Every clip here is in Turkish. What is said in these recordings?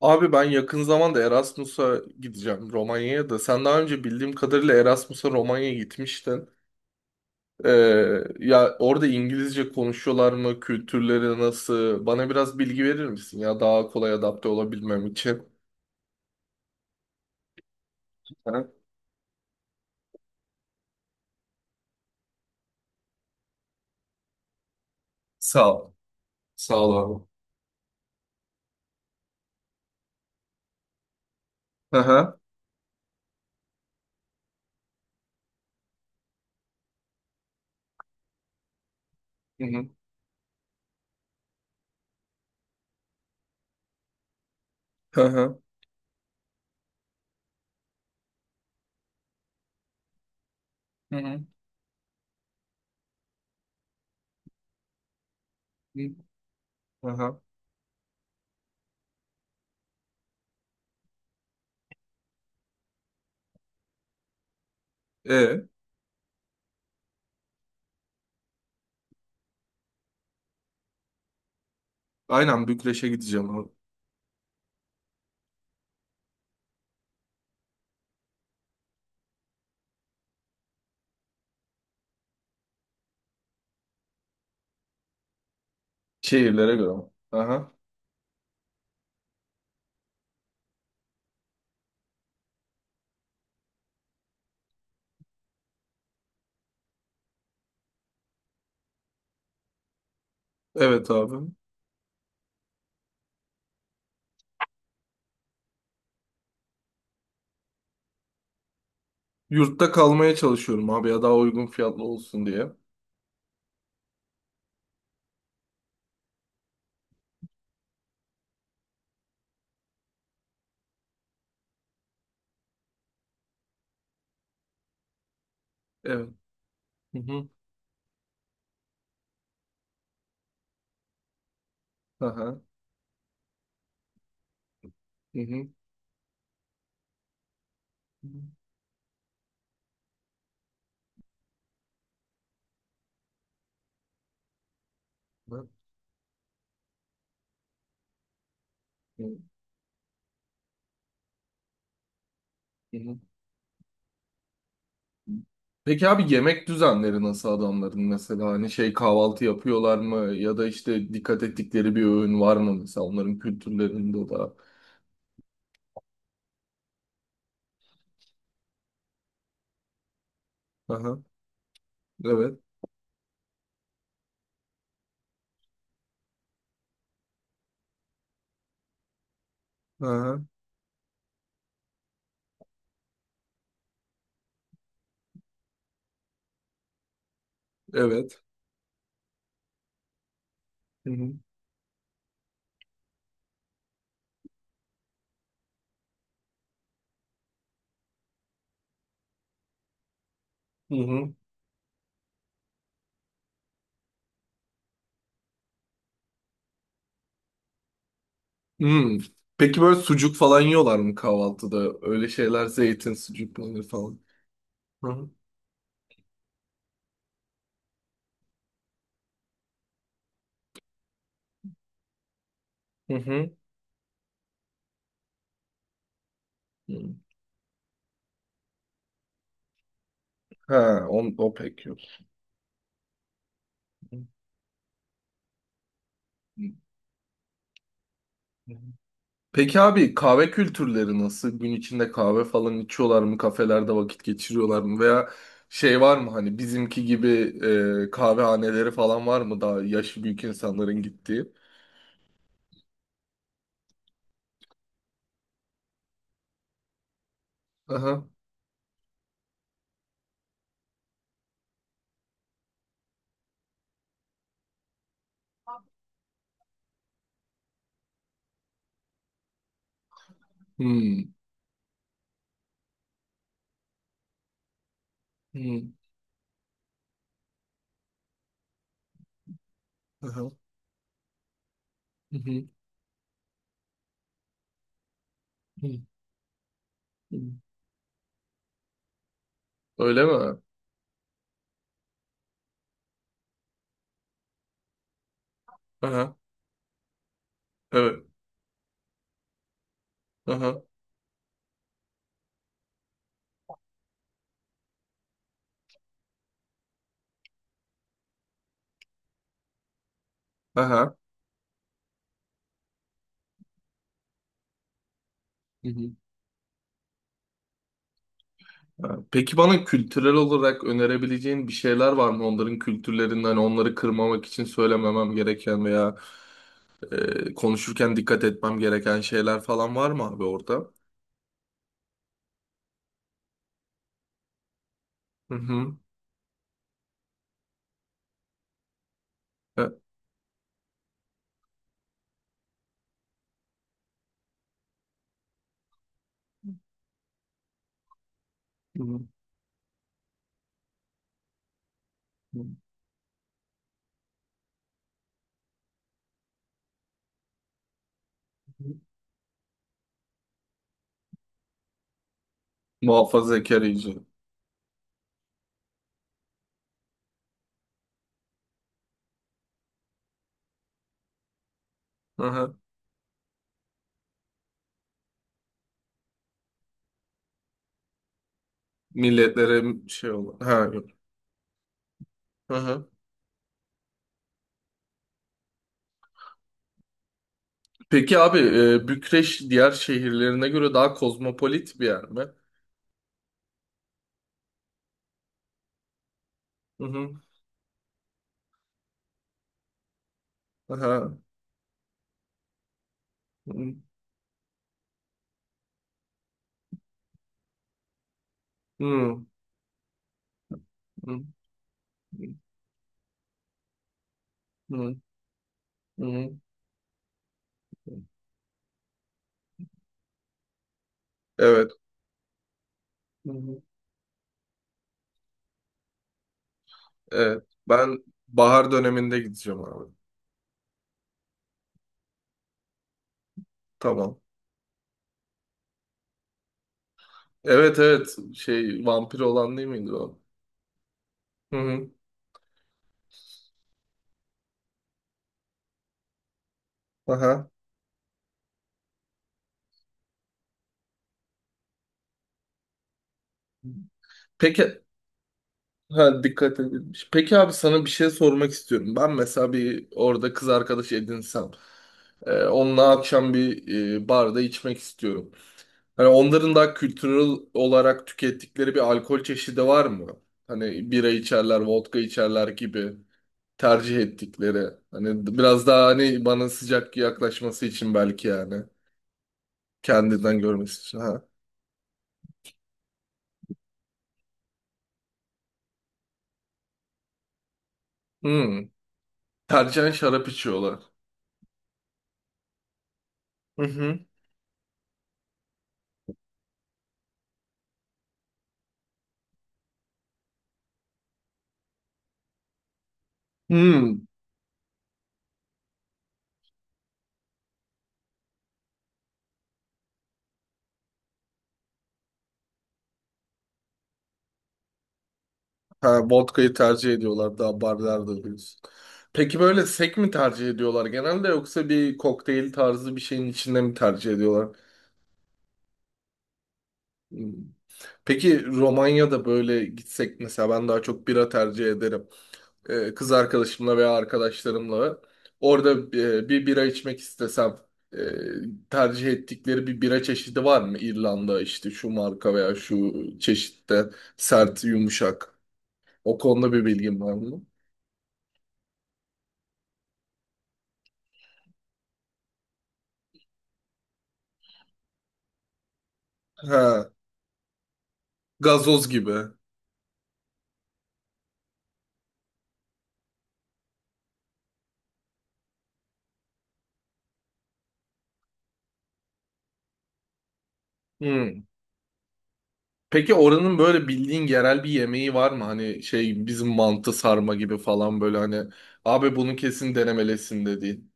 Abi ben yakın zamanda Erasmus'a gideceğim Romanya'ya da. Sen daha önce bildiğim kadarıyla Erasmus'a Romanya'ya gitmiştin. Ee, ya orada İngilizce konuşuyorlar mı? Kültürleri nasıl? Bana biraz bilgi verir misin ya daha kolay adapte olabilmem için? Hı. Sağ ol. Sağ ol abi. Hı hı. Hı hı. Hı hı. Hı hı. Hı. Hı. E, aynen Bükreş'e gideceğim abi. Şehirlere göre mi? Hı hı. Evet abi. Yurtta kalmaya çalışıyorum abi ya daha uygun fiyatlı olsun diye. Evet. Aha. Hı hı. Bak, hı hı. Peki abi yemek düzenleri nasıl adamların, mesela hani şey kahvaltı yapıyorlar mı ya da işte dikkat ettikleri bir öğün var mı mesela onların kültürlerinde da? Aha, evet. Aha, evet. Hı hı. Hı hı. Hmm. Peki böyle sucuk falan yiyorlar mı kahvaltıda? Öyle şeyler, zeytin, sucuk, peynir falan. Hı hı. Hı hı. Hı. Ha, on, o pek yok. Hı hı. Peki abi kahve kültürleri nasıl? Gün içinde kahve falan içiyorlar mı? Kafelerde vakit geçiriyorlar mı? Veya şey var mı hani bizimki gibi, kahvehaneleri falan var mı daha yaşı büyük insanların gittiği? Aha. Hmm. Hmm. Aha. Hı hı. Hı hı. Öyle mi? Aha. Evet. Aha. Aha. Hı hı. Ha. Peki bana kültürel olarak önerebileceğin bir şeyler var mı? Onların kültürlerinden, onları kırmamak için söylememem gereken veya konuşurken dikkat etmem gereken şeyler falan var mı abi orada? Hı hı. E, hı hı. Muhafazakar iyice. Hı hı. Milletlere şey olan. Ha, yok. Hı hı. Peki abi, Bükreş diğer şehirlerine göre daha kozmopolit bir yer mi? Hı hı. Aha. Hı hı. Hı hı. Hı hı. Evet. Hı hı. Evet. Ben bahar döneminde gideceğim abi. Tamam. Evet, evet. Şey, vampir olan değil miydi o? Hı hı. Aha. Peki ha, dikkat edilmiş. Peki abi sana bir şey sormak istiyorum. Ben mesela bir orada kız arkadaş edinsem, onunla akşam bir, barda içmek istiyorum. Hani onların da kültürel olarak tükettikleri bir alkol çeşidi var mı? Hani bira içerler, vodka içerler gibi tercih ettikleri. Hani biraz daha hani bana sıcak yaklaşması için belki yani. Kendinden görmesi için. Ha. Hmm. Tercihen şarap içiyorlar. Hı hı. Hmm. Ha, vodka'yı tercih ediyorlar daha barlarda diyorsun. Peki böyle sek mi tercih ediyorlar genelde, yoksa bir kokteyl tarzı bir şeyin içinde mi tercih ediyorlar? Hmm. Peki Romanya'da böyle gitsek mesela ben daha çok bira tercih ederim. Kız arkadaşımla veya arkadaşlarımla orada, bir bira içmek istesem, e, tercih ettikleri bir bira çeşidi var mı? İrlanda, işte şu marka veya şu çeşitte, sert, yumuşak. O konuda bir bilgim var mı? Ha, gazoz gibi. Hmm. Peki oranın böyle bildiğin yerel bir yemeği var mı? Hani şey bizim mantı, sarma gibi falan, böyle hani abi bunu kesin denemelisin dediğin.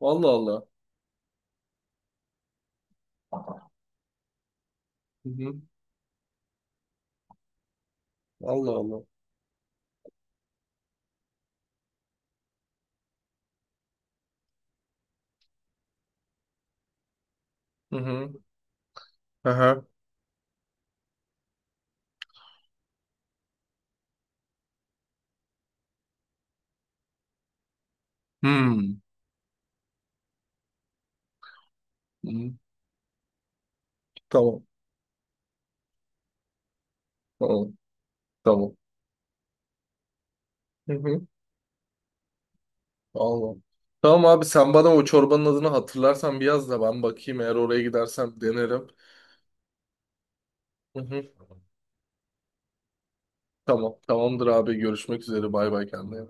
Allah Allah. Hı hı. Allah Allah. Hı hı. Aha. Hmm. Hı. Tamam. Tamam. Tamam. Hı hı. Allah. Tamam abi, sen bana o çorbanın adını hatırlarsan bir yaz da ben bakayım, eğer oraya gidersem denerim. Hı hı. Tamam. Tamamdır abi, görüşmek üzere, bay bay, kendine.